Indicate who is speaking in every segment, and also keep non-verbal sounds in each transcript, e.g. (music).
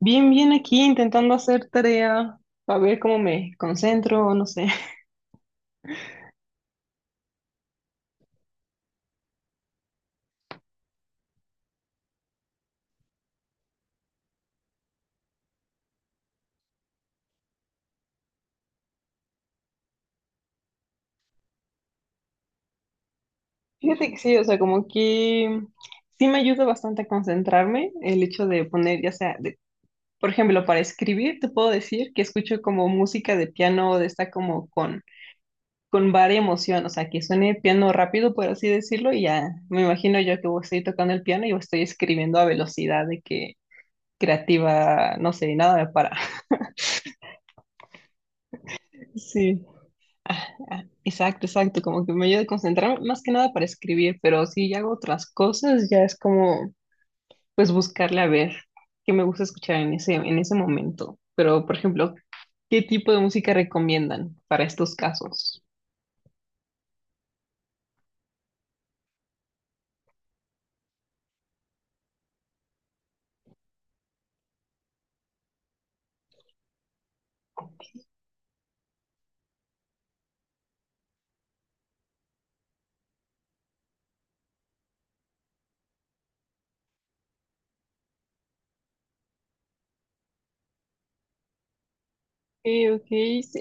Speaker 1: Bien, bien aquí intentando hacer tarea para ver cómo me concentro, o no sé. (laughs) Fíjate que sí, o sea, como que sí me ayuda bastante a concentrarme el hecho de poner, ya sea, por ejemplo, para escribir, te puedo decir que escucho como música de piano, de esta como con varia emoción, o sea, que suene piano rápido, por así decirlo, y ya me imagino yo que voy- a estoy tocando el piano y estoy escribiendo a velocidad de que creativa, no sé, nada me para. (laughs) Sí. Ah, ah, exacto, exacto, como que me ayuda a concentrarme más que nada para escribir, pero si hago otras cosas, ya es como pues buscarle a ver qué me gusta escuchar en ese momento. Pero, por ejemplo, ¿qué tipo de música recomiendan para estos casos? Ok, ok, sí,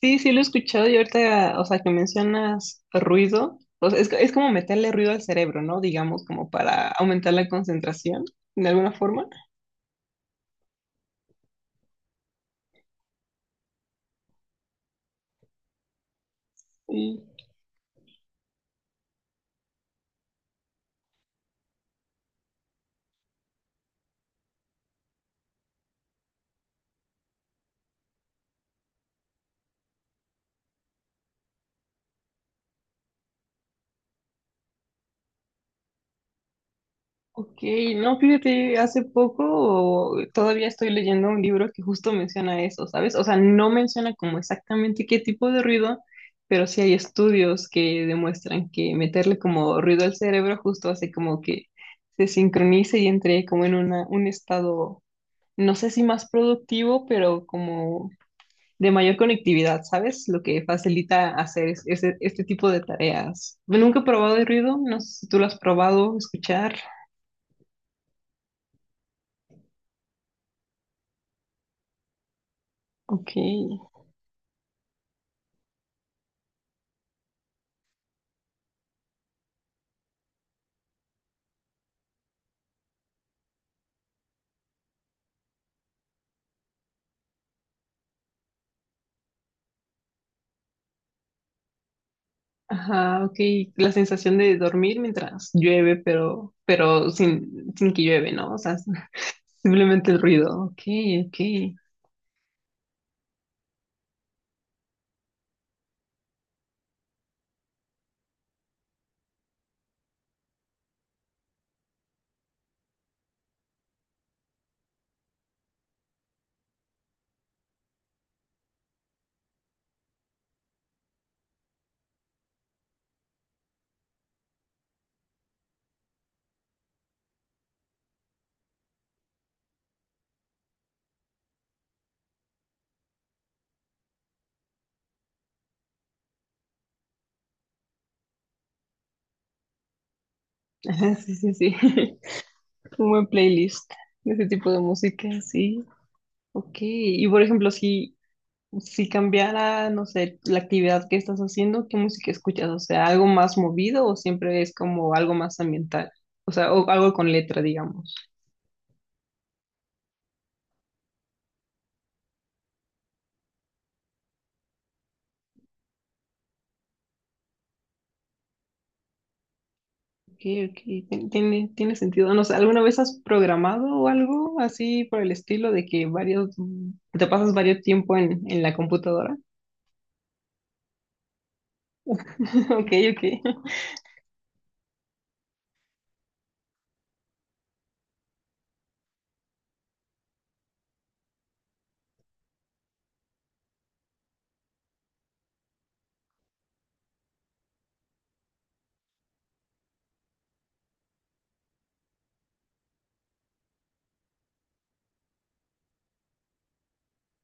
Speaker 1: sí, sí lo he escuchado y ahorita, o sea, que mencionas ruido, o sea, es como meterle ruido al cerebro, ¿no? Digamos, como para aumentar la concentración, de alguna forma. Ok, no, fíjate, hace poco todavía estoy leyendo un libro que justo menciona eso, ¿sabes? O sea, no menciona como exactamente qué tipo de ruido, pero sí hay estudios que demuestran que meterle como ruido al cerebro justo hace como que se sincronice y entre como en un estado, no sé si más productivo, pero como de mayor conectividad, ¿sabes? Lo que facilita hacer este tipo de tareas. Nunca he probado el ruido, no sé si tú lo has probado, escuchar. Ok. Ajá, ok. La sensación de dormir mientras llueve, pero, sin que llueve, ¿no? O sea, (laughs) simplemente el ruido. Ok, ok. Ajá, sí, sí, sí. (laughs) Un buen playlist de ese tipo de música, sí. Ok. Y por ejemplo, si cambiara, no sé, la actividad que estás haciendo, ¿qué música escuchas? O sea, ¿algo más movido o siempre es como algo más ambiental? O sea, o algo con letra, digamos. Ok, ok, tiene sentido. No sé, ¿alguna vez has programado o algo así por el estilo de que varios, te pasas varios tiempo en la computadora? (laughs) Ok, ok.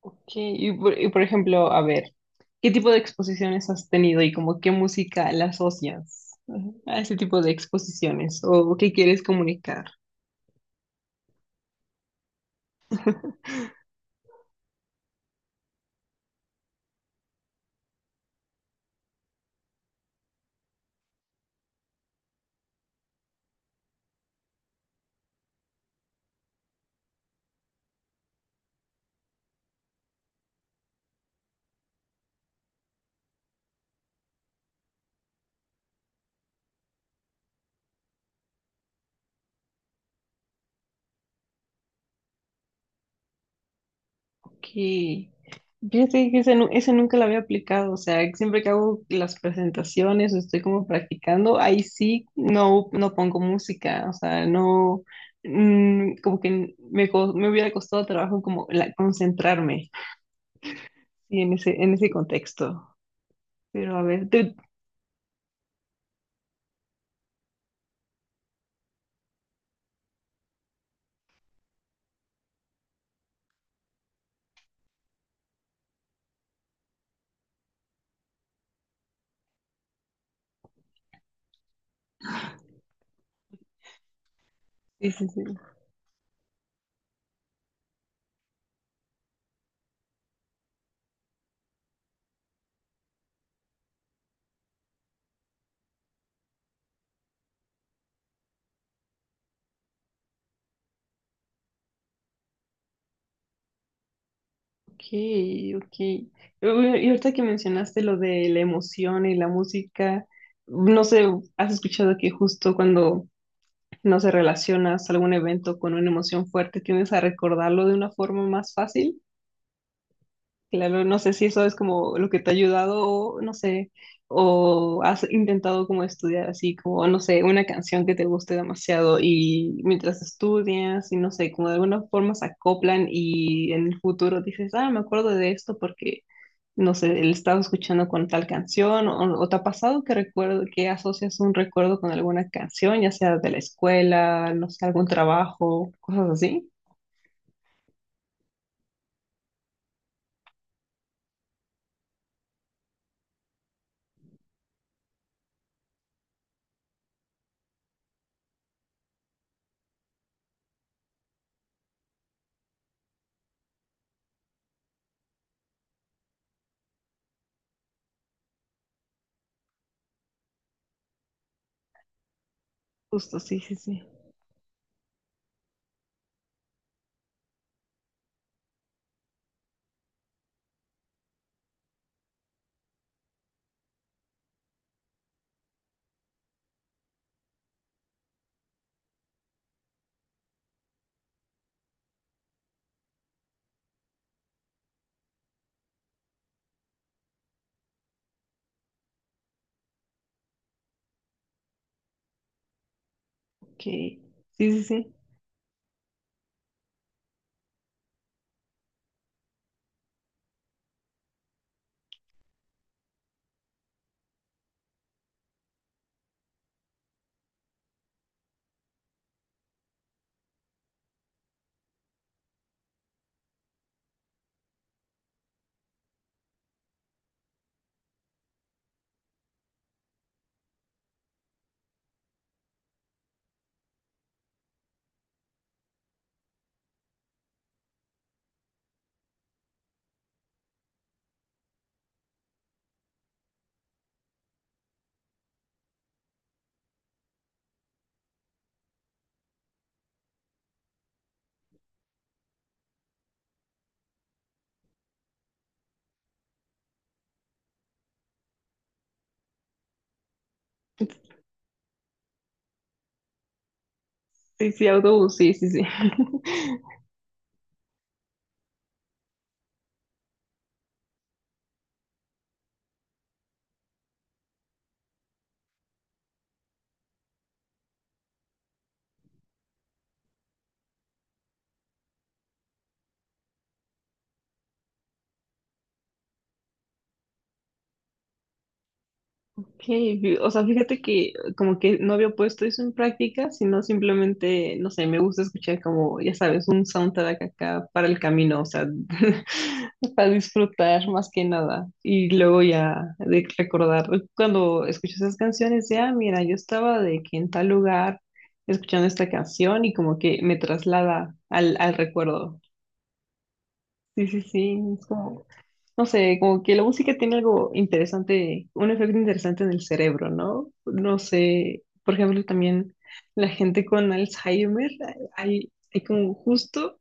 Speaker 1: Ok, y por ejemplo, a ver, ¿qué tipo de exposiciones has tenido y como qué música la asocias, ajá, a ese tipo de exposiciones o qué quieres comunicar? Que fíjate que ese nunca lo había aplicado, o sea, siempre que hago las presentaciones o estoy como practicando, ahí sí no, no pongo música, o sea, no, como que me hubiera costado trabajo como concentrarme sí, en ese contexto. Pero a ver, tú, sí, sí, sí, ok, ok. Y ahorita que mencionaste lo de la emoción y la música, no sé, has escuchado que justo cuando no se relacionas algún evento con una emoción fuerte, tiendes a recordarlo de una forma más fácil. Claro, no sé si eso es como lo que te ha ayudado o no sé, o has intentado como estudiar así como, no sé, una canción que te guste demasiado y mientras estudias y no sé, como de alguna forma se acoplan y en el futuro dices, ah, me acuerdo de esto porque no sé, el estado escuchando con tal canción, o te ha pasado que recuerdo, que asocias un recuerdo con alguna canción, ya sea de la escuela, no sé, algún trabajo, cosas así. Justo, sí, sí, sí. Ok. Sí, sí, sí. Sí, sí, autobús, sí, sí, sí. (laughs) Okay, o sea, fíjate que como que no había puesto eso en práctica, sino simplemente, no sé, me gusta escuchar como, ya sabes, un soundtrack acá para el camino, o sea, (laughs) para disfrutar más que nada. Y luego ya de recordar, cuando escucho esas canciones, ya, mira, yo estaba de que en tal lugar escuchando esta canción y como que me traslada al recuerdo. Sí, sí, sí, es como, no sé, como que la música tiene algo interesante, un efecto interesante en el cerebro, ¿no? No sé, por ejemplo, también la gente con Alzheimer, hay como justo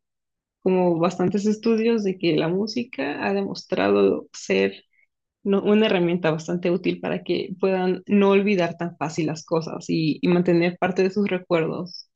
Speaker 1: como bastantes estudios de que la música ha demostrado ser una herramienta bastante útil para que puedan no olvidar tan fácil las cosas y mantener parte de sus recuerdos.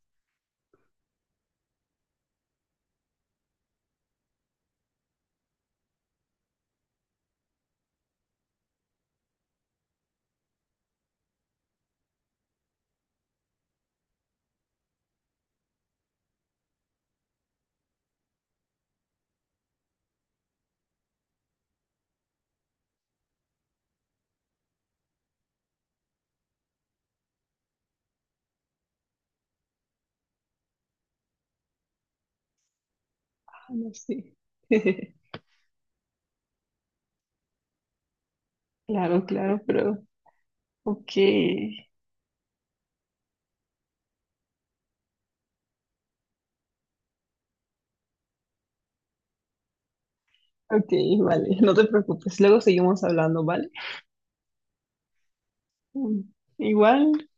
Speaker 1: Ah, no sé. (laughs) Claro, claro, pero ok. Ok, vale, (laughs) no te preocupes, luego seguimos hablando, ¿vale? Mm, igual,